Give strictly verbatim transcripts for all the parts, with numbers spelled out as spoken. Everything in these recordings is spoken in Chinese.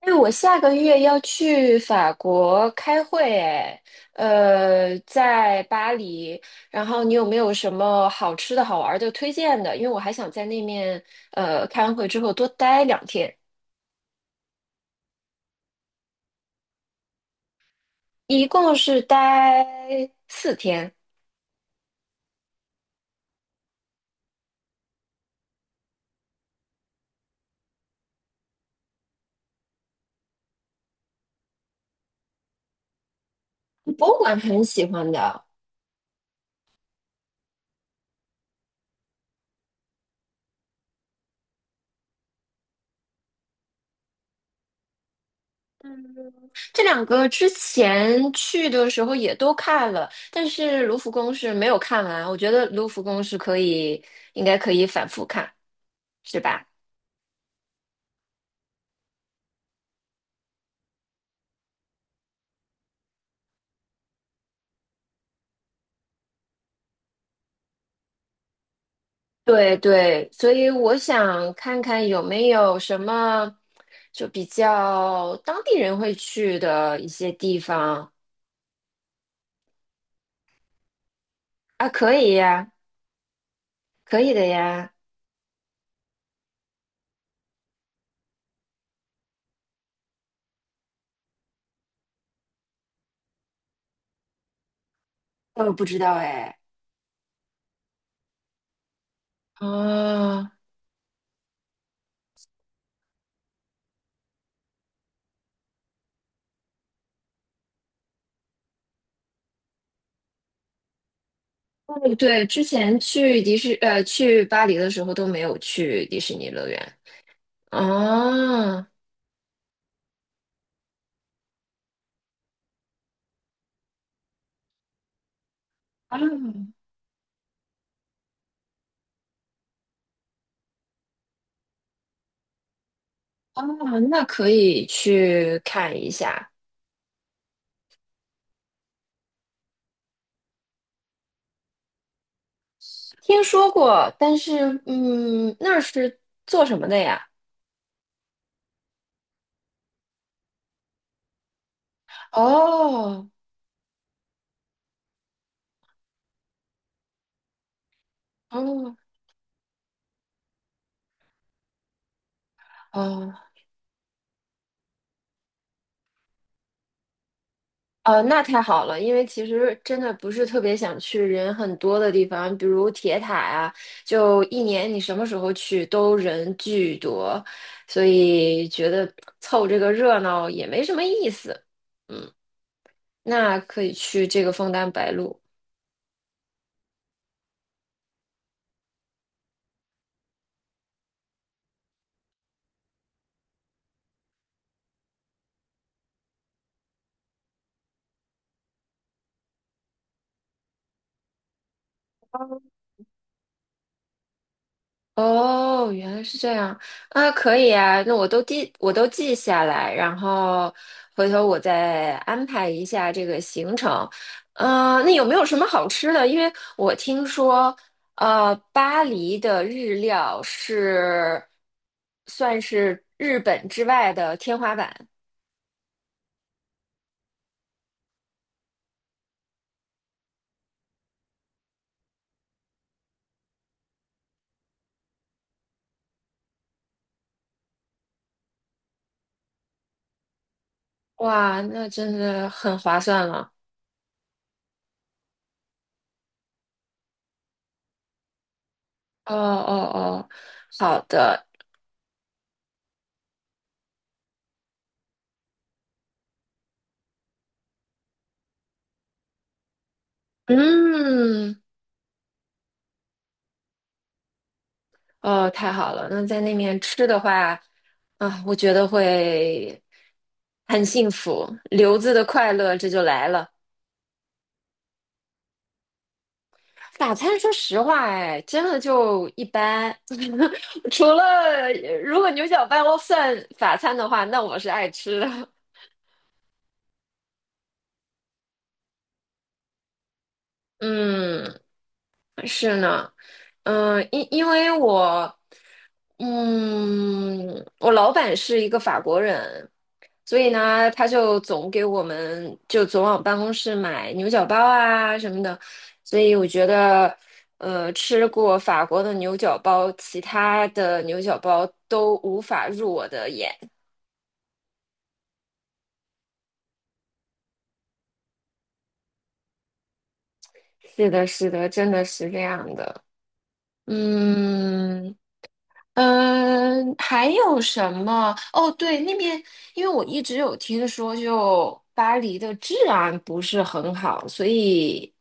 哎，我下个月要去法国开会，哎，呃，在巴黎。然后你有没有什么好吃的好玩的推荐的？因为我还想在那面，呃，开完会之后多待两天，一共是待四天。博物馆很喜欢的，这两个之前去的时候也都看了，但是卢浮宫是没有看完。我觉得卢浮宫是可以，应该可以反复看，是吧？对对，所以我想看看有没有什么就比较当地人会去的一些地方。啊，可以呀，可以的呀。呃，不知道哎。哦，对对，之前去迪士呃去巴黎的时候都没有去迪士尼乐园。哦，啊哦，那可以去看一下。听说过，但是嗯，那是做什么的呀？哦哦，哦，哦，那太好了，因为其实真的不是特别想去人很多的地方，比如铁塔呀，就一年你什么时候去都人巨多，所以觉得凑这个热闹也没什么意思。嗯，那可以去这个枫丹白露。哦，原来是这样啊，可以啊，那我都记，我都记下来，然后回头我再安排一下这个行程。嗯、那有没有什么好吃的？因为我听说，呃，巴黎的日料是算是日本之外的天花板。哇，那真的很划算了。哦哦哦，好的，嗯。哦，太好了！那在那面吃的话，啊，我觉得会很幸福，留子的快乐这就来了。法餐，说实话，哎，真的就一般。除了呃如果牛角包算法餐的话，那我是爱吃的。嗯，是呢，嗯，因因为我，嗯，我老板是一个法国人，所以呢，他就总给我们就总往办公室买牛角包啊什么的，所以我觉得，呃，吃过法国的牛角包，其他的牛角包都无法入我的眼。是的，是的，真的是这样的。嗯嗯，还有什么？哦，对，那边因为我一直有听说，就巴黎的治安不是很好，所以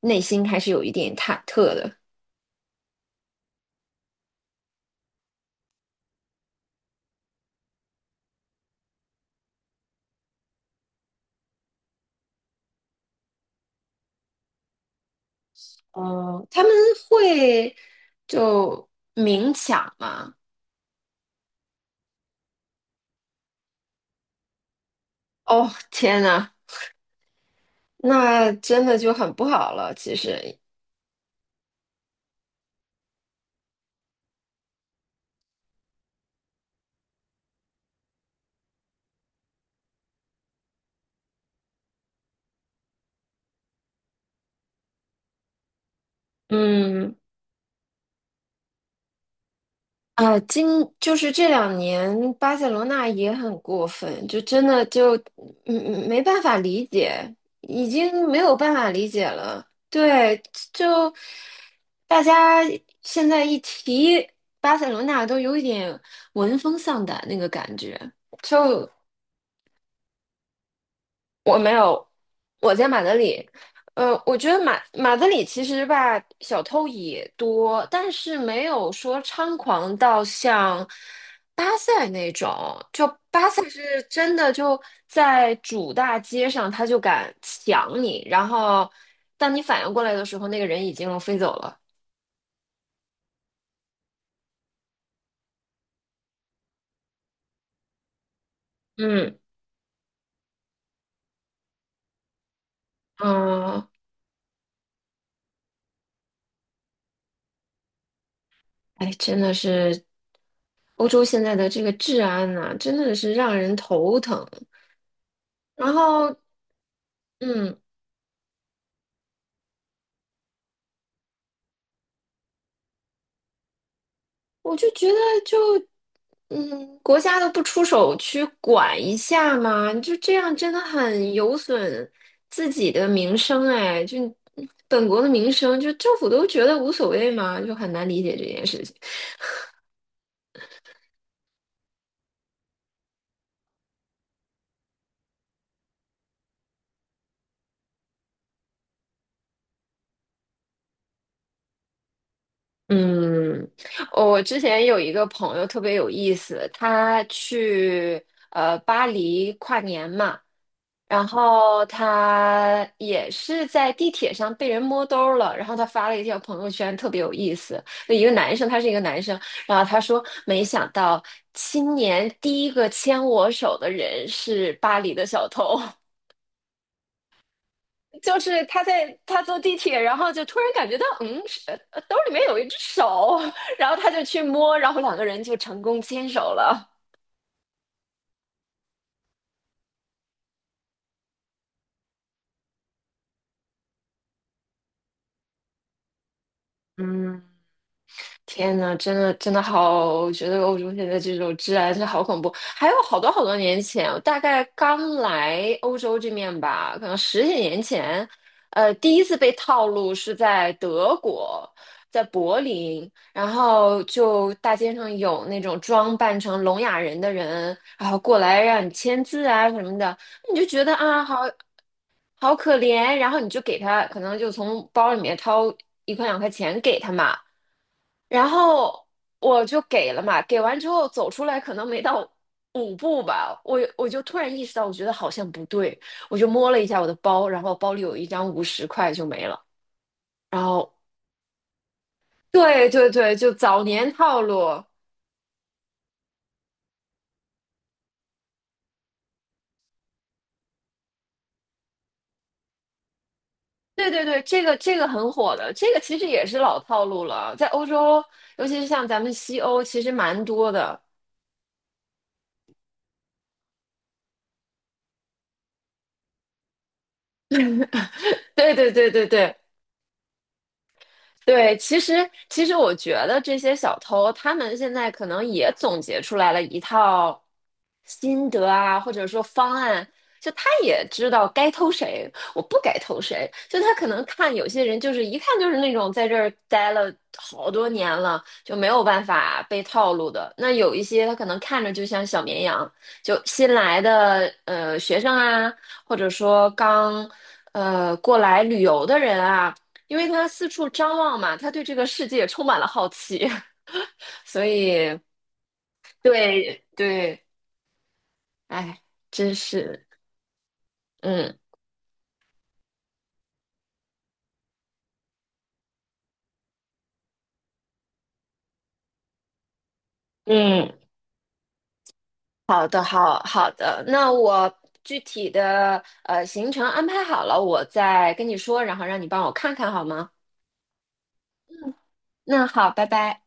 内心还是有一点忐忑的。哦，他们会就明抢吗？哦，天呐，那真的就很不好了。其实，嗯，啊，今就是这两年巴塞罗那也很过分，就真的就嗯嗯没办法理解，已经没有办法理解了。对，就大家现在一提巴塞罗那，都有一点闻风丧胆那个感觉。就我没有，我在马德里。呃，我觉得马马德里其实吧，小偷也多，但是没有说猖狂到像巴塞那种。就巴塞是真的就在主大街上，他就敢抢你，然后当你反应过来的时候，那个人已经飞走了。嗯嗯，哎，真的是欧洲现在的这个治安呐，真的是让人头疼。然后。嗯，我就觉得就，嗯，国家都不出手去管一下嘛，就这样真的很有损自己的名声哎，就本国的名声，就政府都觉得无所谓嘛，就很难理解这件事情。嗯，我之前有一个朋友特别有意思，他去呃巴黎跨年嘛，然后他也是在地铁上被人摸兜儿了，然后他发了一条朋友圈，特别有意思。那一个男生，他是一个男生，然后他说："没想到今年第一个牵我手的人是巴黎的小偷。就是他在他坐地铁，然后就突然感觉到，嗯，是呃兜里面有一只手，然后他就去摸，然后两个人就成功牵手了。嗯，天呐，真的真的好，我觉得欧洲现在这种治安是好恐怖。还有好多好多年前，我大概刚来欧洲这面吧，可能十几年前，呃，第一次被套路是在德国，在柏林，然后就大街上有那种装扮成聋哑人的人，然后过来让你签字啊什么的，你就觉得啊好。好可怜。然后你就给他，可能就从包里面掏一块两块钱给他嘛。然后我就给了嘛，给完之后走出来，可能没到五步吧，我我就突然意识到，我觉得好像不对，我就摸了一下我的包，然后包里有一张五十块就没了。然后，对对对，就早年套路，对对对，这个这个很火的，这个其实也是老套路了，在欧洲，尤其是像咱们西欧，其实蛮多的。对对对对对，对，其实其实我觉得这些小偷，他们现在可能也总结出来了一套，心得啊，或者说方案，就他也知道该投谁，我不该投谁。就他可能看有些人，就是一看就是那种在这儿待了好多年了，就没有办法被套路的。那有一些他可能看着就像小绵羊，就新来的呃学生啊，或者说刚呃过来旅游的人啊，因为他四处张望嘛，他对这个世界充满了好奇，所以对对，哎。真是，嗯嗯，好的，好好的。那我具体的呃行程安排好了，我再跟你说，然后让你帮我看看好吗？那好，拜拜。